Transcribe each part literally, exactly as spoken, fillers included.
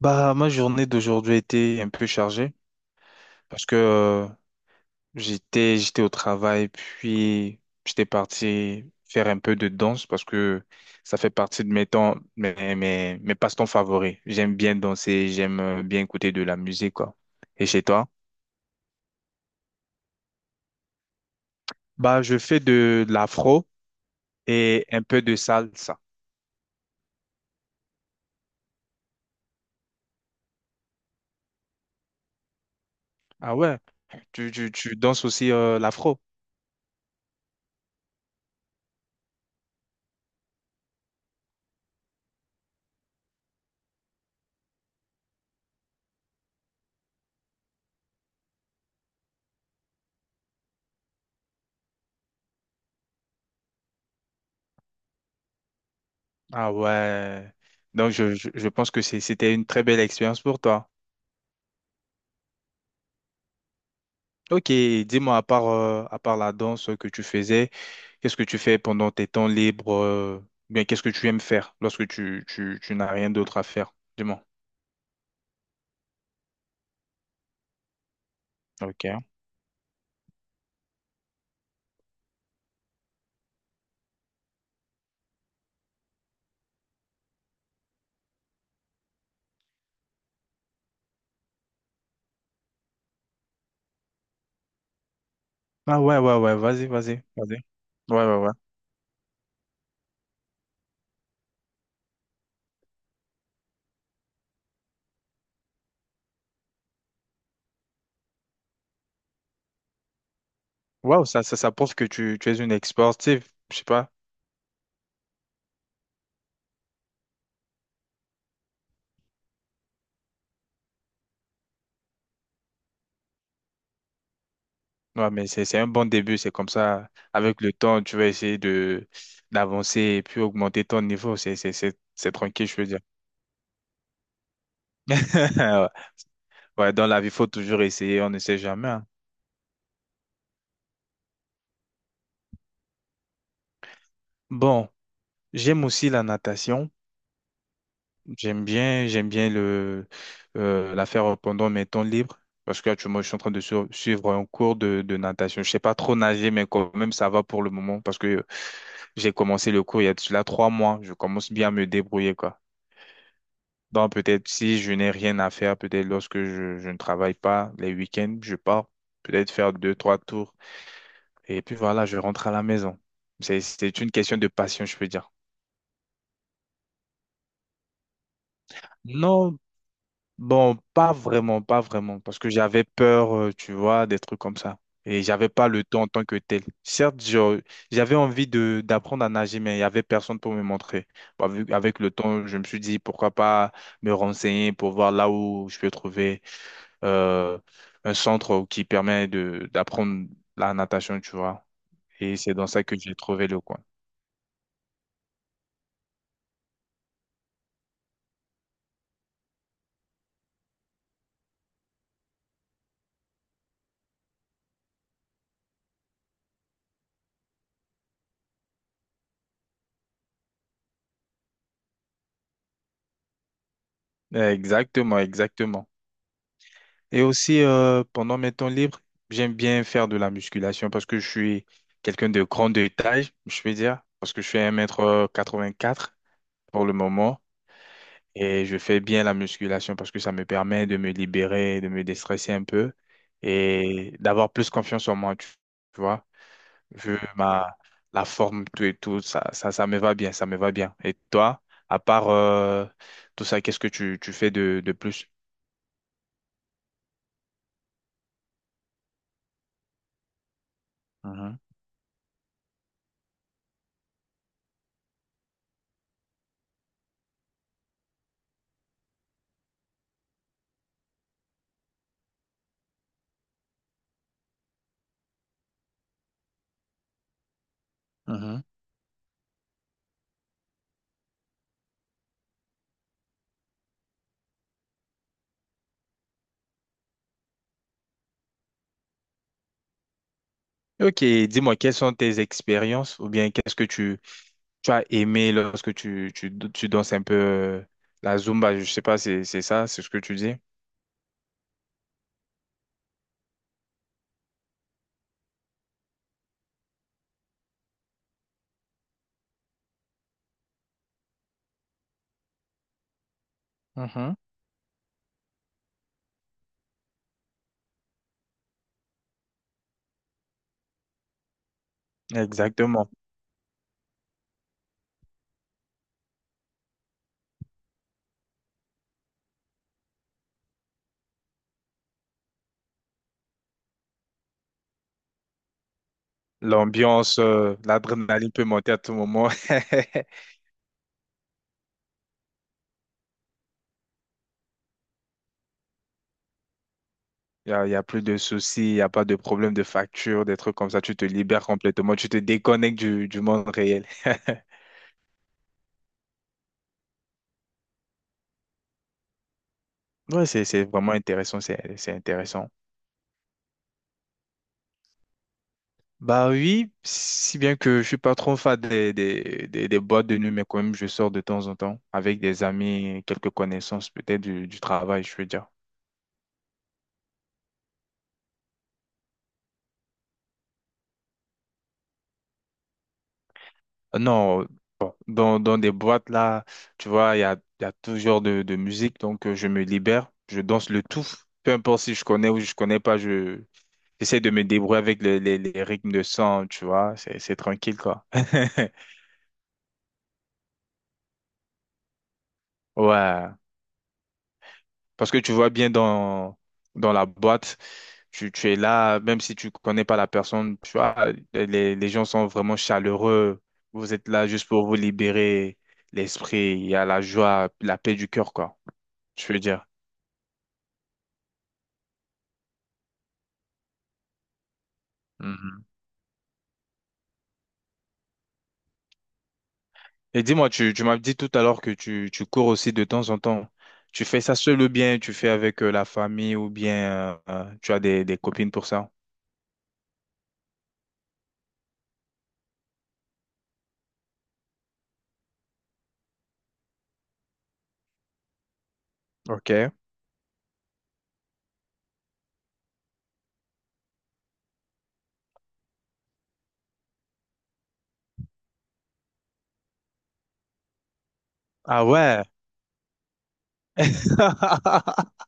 Bah, ma journée d'aujourd'hui a été un peu chargée parce que euh, j'étais j'étais au travail, puis j'étais parti faire un peu de danse parce que ça fait partie de mes temps, mes, mes, mes passe-temps favoris. J'aime bien danser, j'aime euh, bien écouter de la musique, quoi. Et chez toi? Bah, je fais de, de l'afro et un peu de salsa. Ah ouais, tu, tu, tu danses aussi euh, l'afro? Ah ouais. Donc, je, je, je pense que c'est- c'était une très belle expérience pour toi. Ok, dis-moi, à part, euh, à part la danse que tu faisais, qu'est-ce que tu fais pendant tes temps libres, euh, ou bien qu'est-ce que tu aimes faire lorsque tu, tu, tu n'as rien d'autre à faire? Dis-moi. Ok. Ah ouais, ouais, ouais, vas-y, vas-y, vas-y. Ouais, ouais, ouais. Waouh, ça, ça, ça prouve que tu, tu es une ex-sportive, je sais pas. Ouais, mais c'est, c'est un bon début, c'est comme ça. Avec le temps, tu vas essayer de d'avancer et puis augmenter ton niveau. C'est, c'est, c'est, c'est tranquille, je veux dire. Ouais, dans la vie, il faut toujours essayer, on ne sait jamais, hein. Bon. J'aime aussi la natation. J'aime bien, j'aime bien le, euh, la faire pendant mes temps libres parce qu'actuellement, je suis en train de su- suivre un cours de, de natation. Je sais pas trop nager, mais quand même, ça va pour le moment parce que j'ai commencé le cours il y a de cela trois mois. Je commence bien à me débrouiller, quoi. Donc, peut-être si je n'ai rien à faire, peut-être lorsque je, je ne travaille pas les week-ends, je pars peut-être faire deux, trois tours et puis voilà, je rentre à la maison. C'est, c'est une question de passion, je peux dire. Non. Bon, pas vraiment, pas vraiment, parce que j'avais peur, euh, tu vois, des trucs comme ça. Et j'avais pas le temps en tant que tel. Certes, je- j'avais envie de d'apprendre à nager, mais il y avait personne pour me montrer. Bah, vu- avec le temps, je me suis dit pourquoi pas me renseigner pour voir là où je peux trouver euh, un centre qui permet de d'apprendre la natation, tu vois. Et c'est dans ça que j'ai trouvé le coin. Exactement, exactement. Et aussi, euh, pendant mes temps libres, j'aime bien faire de la musculation parce que je suis quelqu'un de grande taille, je vais dire, parce que je suis un mètre euh, quatre-vingt-quatre pour le moment. Et je fais bien la musculation parce que ça me permet de me libérer, de me déstresser un peu et d'avoir plus confiance en moi, tu tu vois. Vu ma, la forme, tout et tout, ça, ça, ça me va bien, ça me va bien. Et toi, à part euh, tout ça, qu'est-ce que tu, tu fais de, de plus? Mhm, mhm. Ok, dis-moi, quelles sont tes expériences ou bien qu'est-ce que tu, tu as aimé lorsque tu, tu, tu danses un peu euh, la Zumba, je sais pas, c'est, c'est ça, c'est ce que tu dis? Mhm. Exactement. L'ambiance, euh, l'adrénaline peut monter à tout moment. Il n'y a, il y a plus de soucis, il n'y a pas de problème de facture, des trucs comme ça. Tu te libères complètement, tu te déconnectes du, du monde réel. Ouais, c'est, c'est vraiment intéressant, c'est, c'est intéressant. Bah oui, si bien que je suis pas trop fan des, des, des, des boîtes de nuit, mais quand même, je sors de temps en temps avec des amis, quelques connaissances peut-être du, du travail, je veux dire. Euh, Non, dans, dans des boîtes là, tu vois, il y a, il y a tout genre de, de musique, donc euh, je me libère, je danse le tout, peu importe si je connais ou je connais pas, je j'essaie de me débrouiller avec les, les, les rythmes de sang, tu vois, c'est, c'est tranquille quoi. Ouais. Parce que tu vois bien dans, dans la boîte, tu, tu es là, même si tu connais pas la personne, tu vois, les, les gens sont vraiment chaleureux. Vous êtes là juste pour vous libérer l'esprit. Il y a la joie, la paix du cœur, quoi. Je veux dire. Mhm. Et dis-moi, tu, tu m'as dit tout à l'heure que tu, tu cours aussi de temps en temps. Tu fais ça seul ou bien tu fais avec euh, la famille ou bien euh, euh, tu as des, des copines pour ça? Ok. Ah ouais.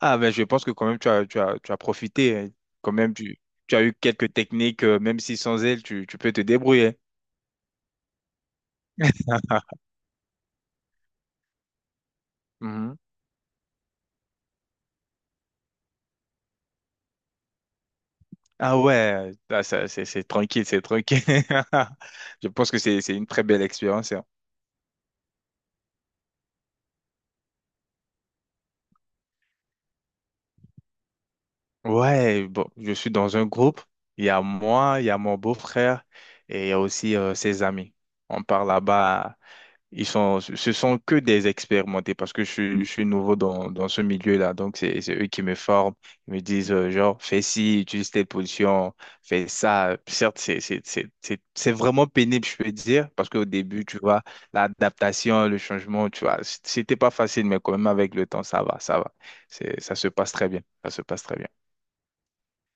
Ah, ben je pense que quand même tu as, tu as, tu as profité, hein. Quand même, tu, tu as eu quelques techniques, euh, même si sans elles, tu, tu peux te débrouiller. Mhm. Ah ouais, ah, ça, c'est c'est tranquille, c'est tranquille. Je pense que c'est c'est une très belle expérience, hein. Ouais, bon, je suis dans un groupe. Il y a moi, il y a mon beau-frère et il y a aussi euh, ses amis. On part là-bas. Ils sont, ce sont que des expérimentés parce que je, suis- je suis nouveau dans, dans ce milieu-là. Donc, c'est, c'est eux qui me forment. Ils me disent, euh, genre, fais ci, utilise telle position, fais ça. Certes, c'est, c'est, c'est, c'est, c'est vraiment pénible, je peux dire, parce qu'au début, tu vois, l'adaptation, le changement, tu vois, c- c'était pas facile, mais quand même, avec le temps, ça va, ça va. C'est, ça se passe très bien. Ça se passe très bien.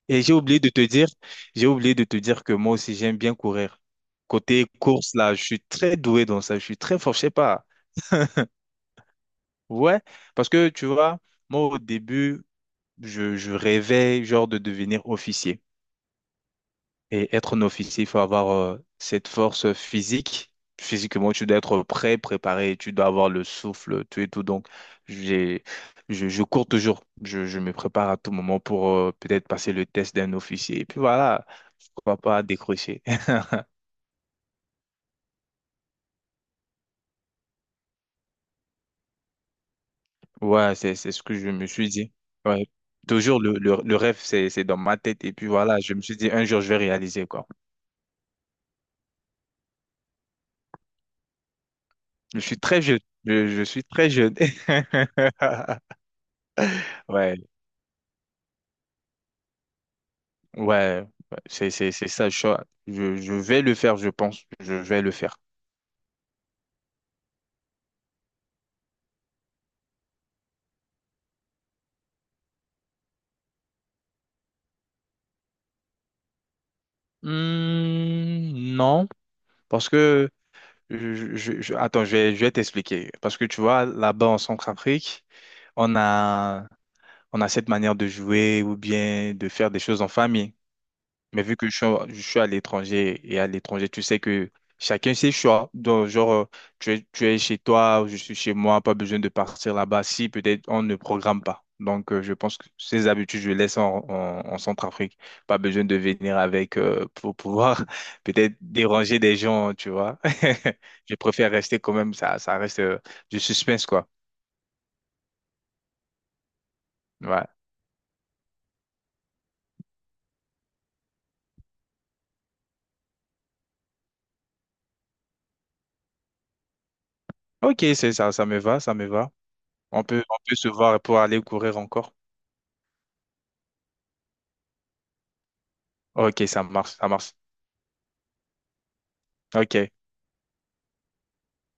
Et j'ai oublié de te dire, j'ai oublié de te dire que moi aussi, j'aime bien courir. Côté course, là, je suis très doué dans ça. Je suis très fort, je sais pas. Ouais, parce que tu vois, moi au début, je, je rêvais genre de devenir officier. Et être un officier, il faut avoir euh, cette force physique. Physiquement, tu dois être prêt, préparé, tu dois avoir le souffle, tout et tout. Donc, j'ai, je, je cours toujours. Je, je me prépare à tout moment pour euh, peut-être passer le test d'un officier. Et puis voilà, pourquoi pas décrocher. Ouais, c'est, c'est ce que je me suis dit. Ouais. Toujours le, le, le rêve, c'est, c'est dans ma tête. Et puis voilà, je me suis dit, un jour, je vais réaliser, quoi. Je suis très jeune. Je, je suis très jeune. Ouais, ouais, ouais. C'est, c'est, c'est ça. Je, je je vais le faire, je pense. Je vais le faire. Hmm, non, parce que je, je- je- attends, je vais, je vais t'expliquer. Parce que tu vois, là-bas en Centrafrique, on a, on a cette manière de jouer ou bien de faire des choses en famille. Mais vu que je suis, je suis à l'étranger et à l'étranger, tu sais que chacun ses choix. Donc, genre, euh, tu es, tu es chez toi, je suis chez moi, pas besoin de partir là-bas. Si peut-être on ne programme pas. Donc, euh, je pense que ces habitudes, je laisse en, en, en Centrafrique. Pas besoin de venir avec euh, pour pouvoir peut-être déranger des gens, tu vois. Je préfère rester quand même, ça, ça reste euh, du suspense, quoi. Ouais. Ok, c'est ça, ça me va, ça me va. On peut, on peut se voir pour aller courir encore. Ok, ça marche, ça marche. Ok.